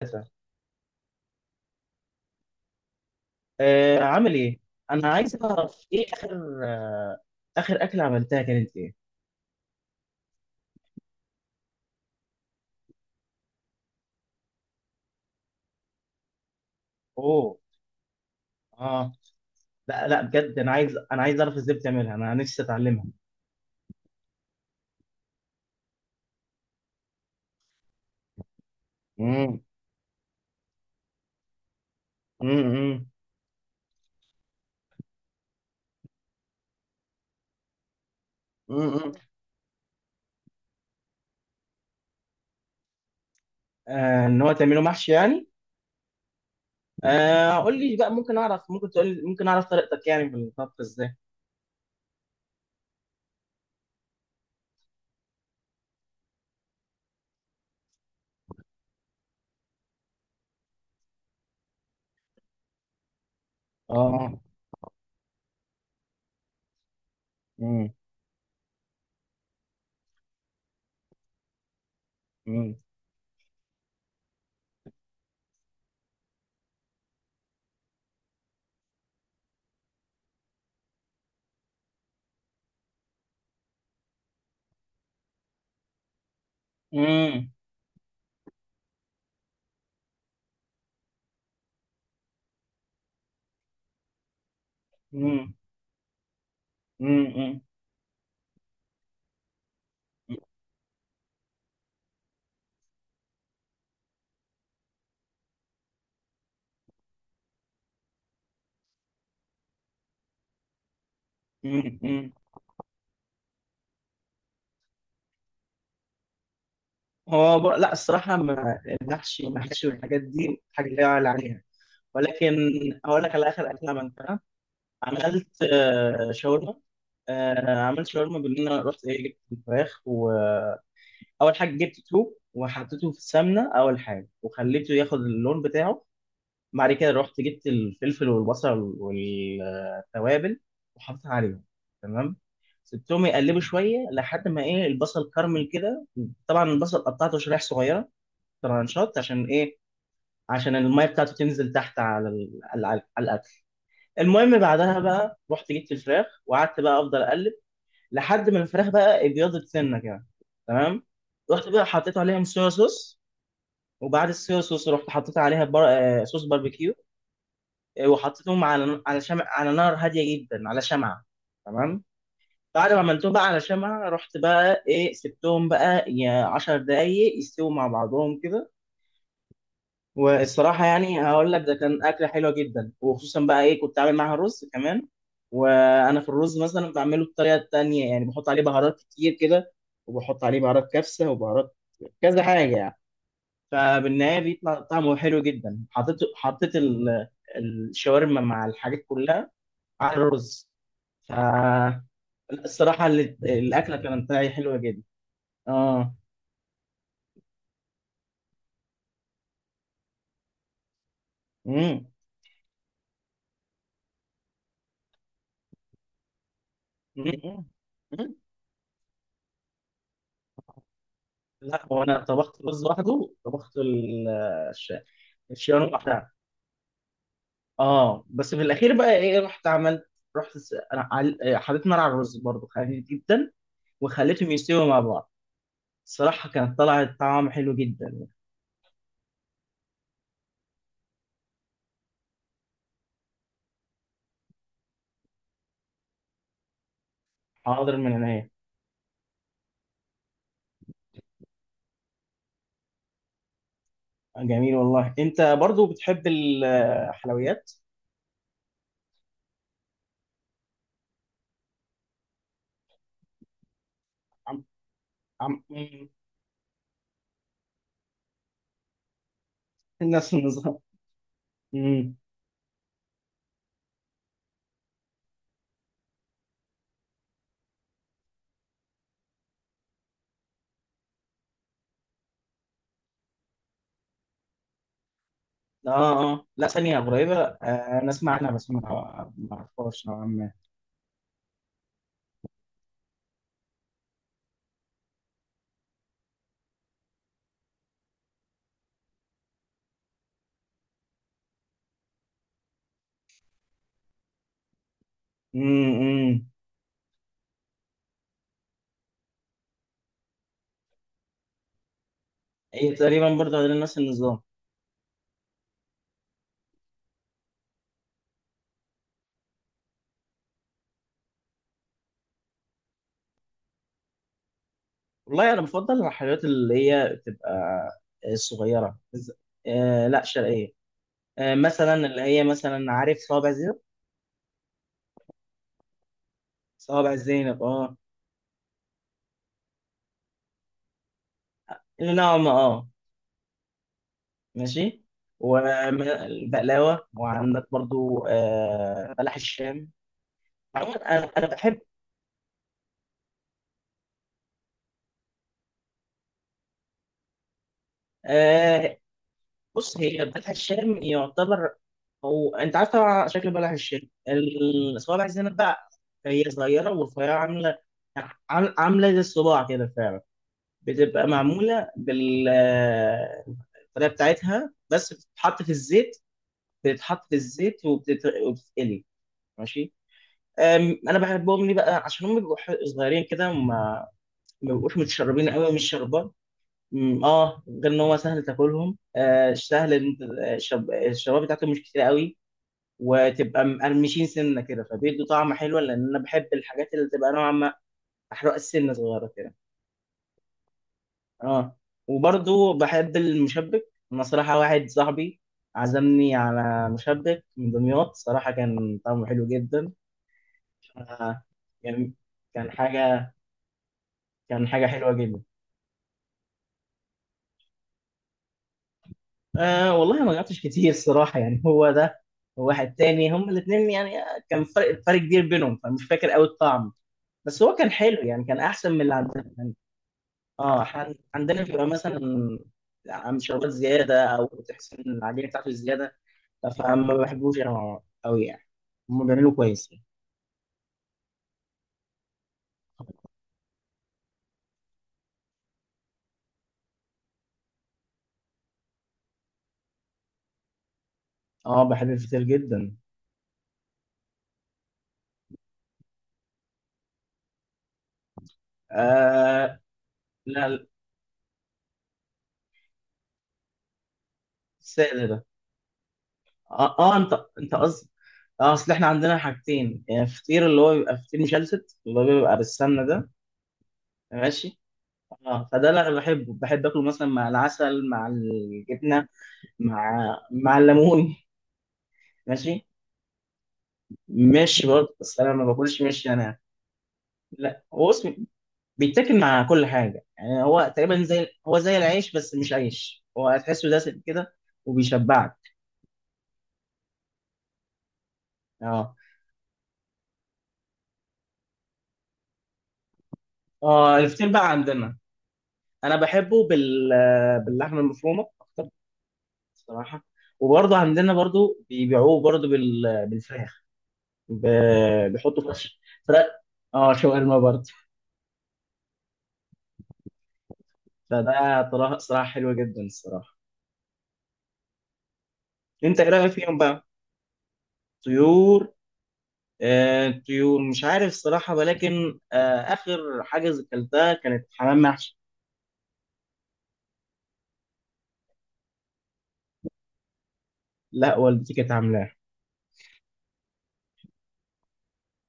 ثلاثة. عامل ايه؟ انا عايز اعرف ايه اخر اكلة عملتها كانت ايه؟ اوه. اه. لا لا، بجد انا عايز اعرف ازاي بتعملها، انا نفسي اتعلمها. امم. امم. امم. ان هو تعمله محشي يعني؟ قول لي بقى، ممكن اعرف طريقتك يعني في الطبخ ازاي؟ اه. امم. امم. امم. امم. امم. امم. امم. هو لا، الصراحة ما المحشي والمحشي والحاجات دي حاجة لا يعلى عليها، ولكن هقول لك على اخر اكله عملتها. عملت شاورما. عملت شاورما، بان انا رحت ايه جبت الفراخ. واول حاجه جبت توب وحطيته في السمنه اول حاجه، وخليته ياخد اللون بتاعه. بعد كده رحت جبت الفلفل والبصل والتوابل وحطيتها عليهم. تمام. سبتهم يقلبوا شويه لحد ما ايه البصل كرمل كده. طبعا البصل قطعته شرايح صغيره، ترانشات، عشان ايه؟ عشان الميه بتاعته تنزل تحت على ال- على على الاكل. المهم بعدها بقى رحت جبت الفراخ وقعدت بقى افضل اقلب لحد ما الفراخ بقى ابيضت سنه كده. تمام. رحت بقى حطيت عليهم صويا صوص، وبعد الصويا صوص رحت حطيت عليها بر... آه، صوص باربيكيو. وحطيتهم على شمع، على نار هاديه جدا، على شمعه. تمام. بعد ما عملتهم بقى على شمعه رحت بقى ايه سبتهم بقى يا 10 دقايق يستووا مع بعضهم كده. والصراحة يعني هقول لك ده كان أكلة حلوة جدا، وخصوصا بقى إيه كنت عامل معاها رز كمان. وأنا في الرز مثلا بعمله بطريقة تانية، يعني بحط عليه بهارات كتير كده، وبحط عليه بهارات كبسة وبهارات كذا حاجة يعني. فبالنهاية بيطلع طعمه حلو جدا. حطيت الشاورما مع الحاجات كلها على الرز، فالصراحة الأكلة كانت حلوة جدا. آه. مم. مم. لا، هو انا طبخت رز لوحده، طبخت الش- الشيران لوحدها. اه. بس في الاخير بقى ايه رحت حطيت نار على الرز برضه خفيف جدا، وخليتهم يستووا مع بعض. الصراحه كانت طلعت طعم حلو جدا. حاضر من عينيا. جميل والله، انت برضو بتحب الحلويات. عم. عم. مم. نفس النظام. مم. اه. اه. لا، ثانيه قريبه. انا اسمع عنها بس ما ما اعرفهاش نوعا ما. مم. مم. هي تقريبا برضه غير نفس النظام. والله انا بفضل المحلات اللي هي بتبقى الصغيره آه لا، شرقيه. مثلا اللي هي مثلا، عارف صوابع زينب؟ صوابع زينب اه. اللي نوعا ما اه. ماشي. والبقلاوه، وعندك برضو بلح الشام. عموماً انا بحب. آه، بص، هي بلح الشام يعتبر، هو انت عارف طبعا شكل بلح الشام. الصوابع الزينب بقى هي صغيره والرفيعه، عامله عامله زي الصباع كده فعلا. بتبقى معموله بالطريقه بتاعتها، بس بتتحط في الزيت. بتتحط في الزيت وبتتقلي. ماشي. أم، انا بحبهم ليه بقى؟ عشان هم بيبقوا صغيرين كده وما ما بيبقوش متشربين قوي، مش شربان. مم. اه، غير ان هو سهل تاكلهم. سهل ان انت الشباب بتاعتهم مش كتير قوي، وتبقى مقرمشين سنه كده، فبيدوا طعم حلو. لان انا بحب الحاجات اللي تبقى نوعا ما احرق السنه صغيره كده. اه. وبرضو بحب المشبك، انا صراحه واحد صاحبي عزمني على مشبك من دمياط، صراحه كان طعمه حلو جدا. آه، كان كان حاجه كان حاجه حلوه جدا. والله ما قعدتش كتير الصراحة، يعني هو ده وواحد تاني هم الاثنين يعني. كان فرق كبير بينهم فمش فاكر قوي الطعم. بس هو كان حلو يعني، كان أحسن من اللي عندنا يعني. اه، إحنا عندنا بيبقى مثلا عم شربات زيادة أو تحس إن العجينة بتاعته زيادة، فما بحبوش أنا أوي يعني. هم بيعملوا كويس. اه، بحب الفطير جدا. آه لا، السادة ده. اه, انت قصد. اه، اصل احنا عندنا حاجتين يعني، فطير اللي هو بيبقى فطير مشلتت اللي هو بيبقى بالسمنه ده. ماشي. اه، فده اللي انا بحبه، بحب اكله مثلا مع العسل، مع الجبنه، مع مع الليمون. ماشي. مش برضه، بس انا ما باكلش مشي انا. لا، هو اسمي بيتاكل مع كل حاجه يعني، هو تقريبا زي هو زي العيش بس مش عيش، هو هتحسه دسم كده، وبيشبعك. اه. اه، الفطير بقى عندنا انا بحبه باللحمه المفرومه الصراحه. وبرضه عندنا برضه بيبيعوه برضه بالفراخ. ب... بيحطوا فراخ، فراخ. اه، شاورما برضه. فده صراحه حلوه جدا الصراحه. انت ايه رايك فيهم بقى؟ طيور. طيور مش عارف الصراحه، ولكن اخر حاجه اكلتها كانت حمام محشي. لا، والدتي كانت عاملاه.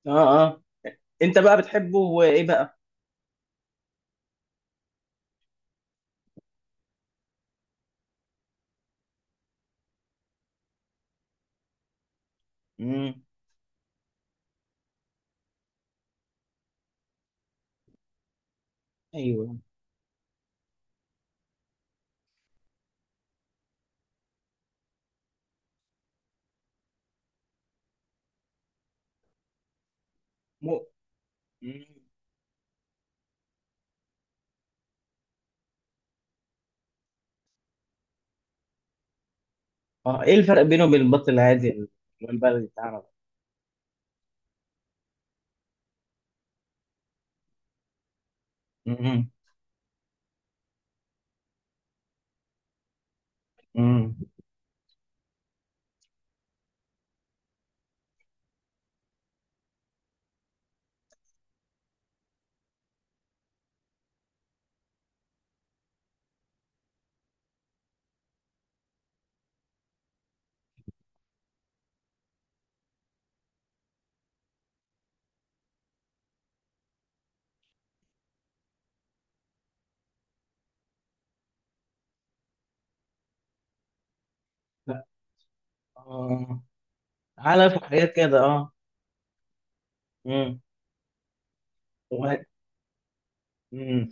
اه. اه، انت بقى بتحبه وايه بقى؟ امم. ايوه. م... مم. اه، ايه الفرق بينه وبين البط العادي والبلدي بتاعنا ده؟ مم. مم. اه، علف وحاجات كده اه. امم. وه- امم.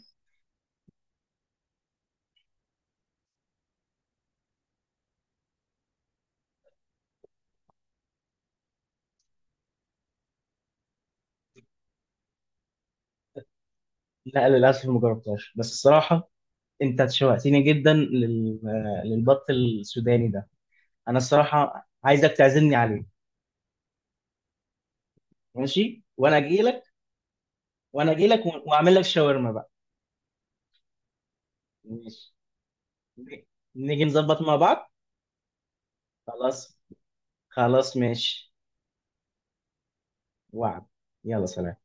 لا، للاسف ما جربتهاش، بس الصراحه انت شوقتني جدا للبط السوداني ده. انا الصراحه عايزك تعزمني عليه. ماشي، وانا اجي لك. وانا اجي لك واعمل لك شاورما بقى. ماشي. نيجي نظبط مع بعض. خلاص. خلاص ماشي. وعد. يلا سلام.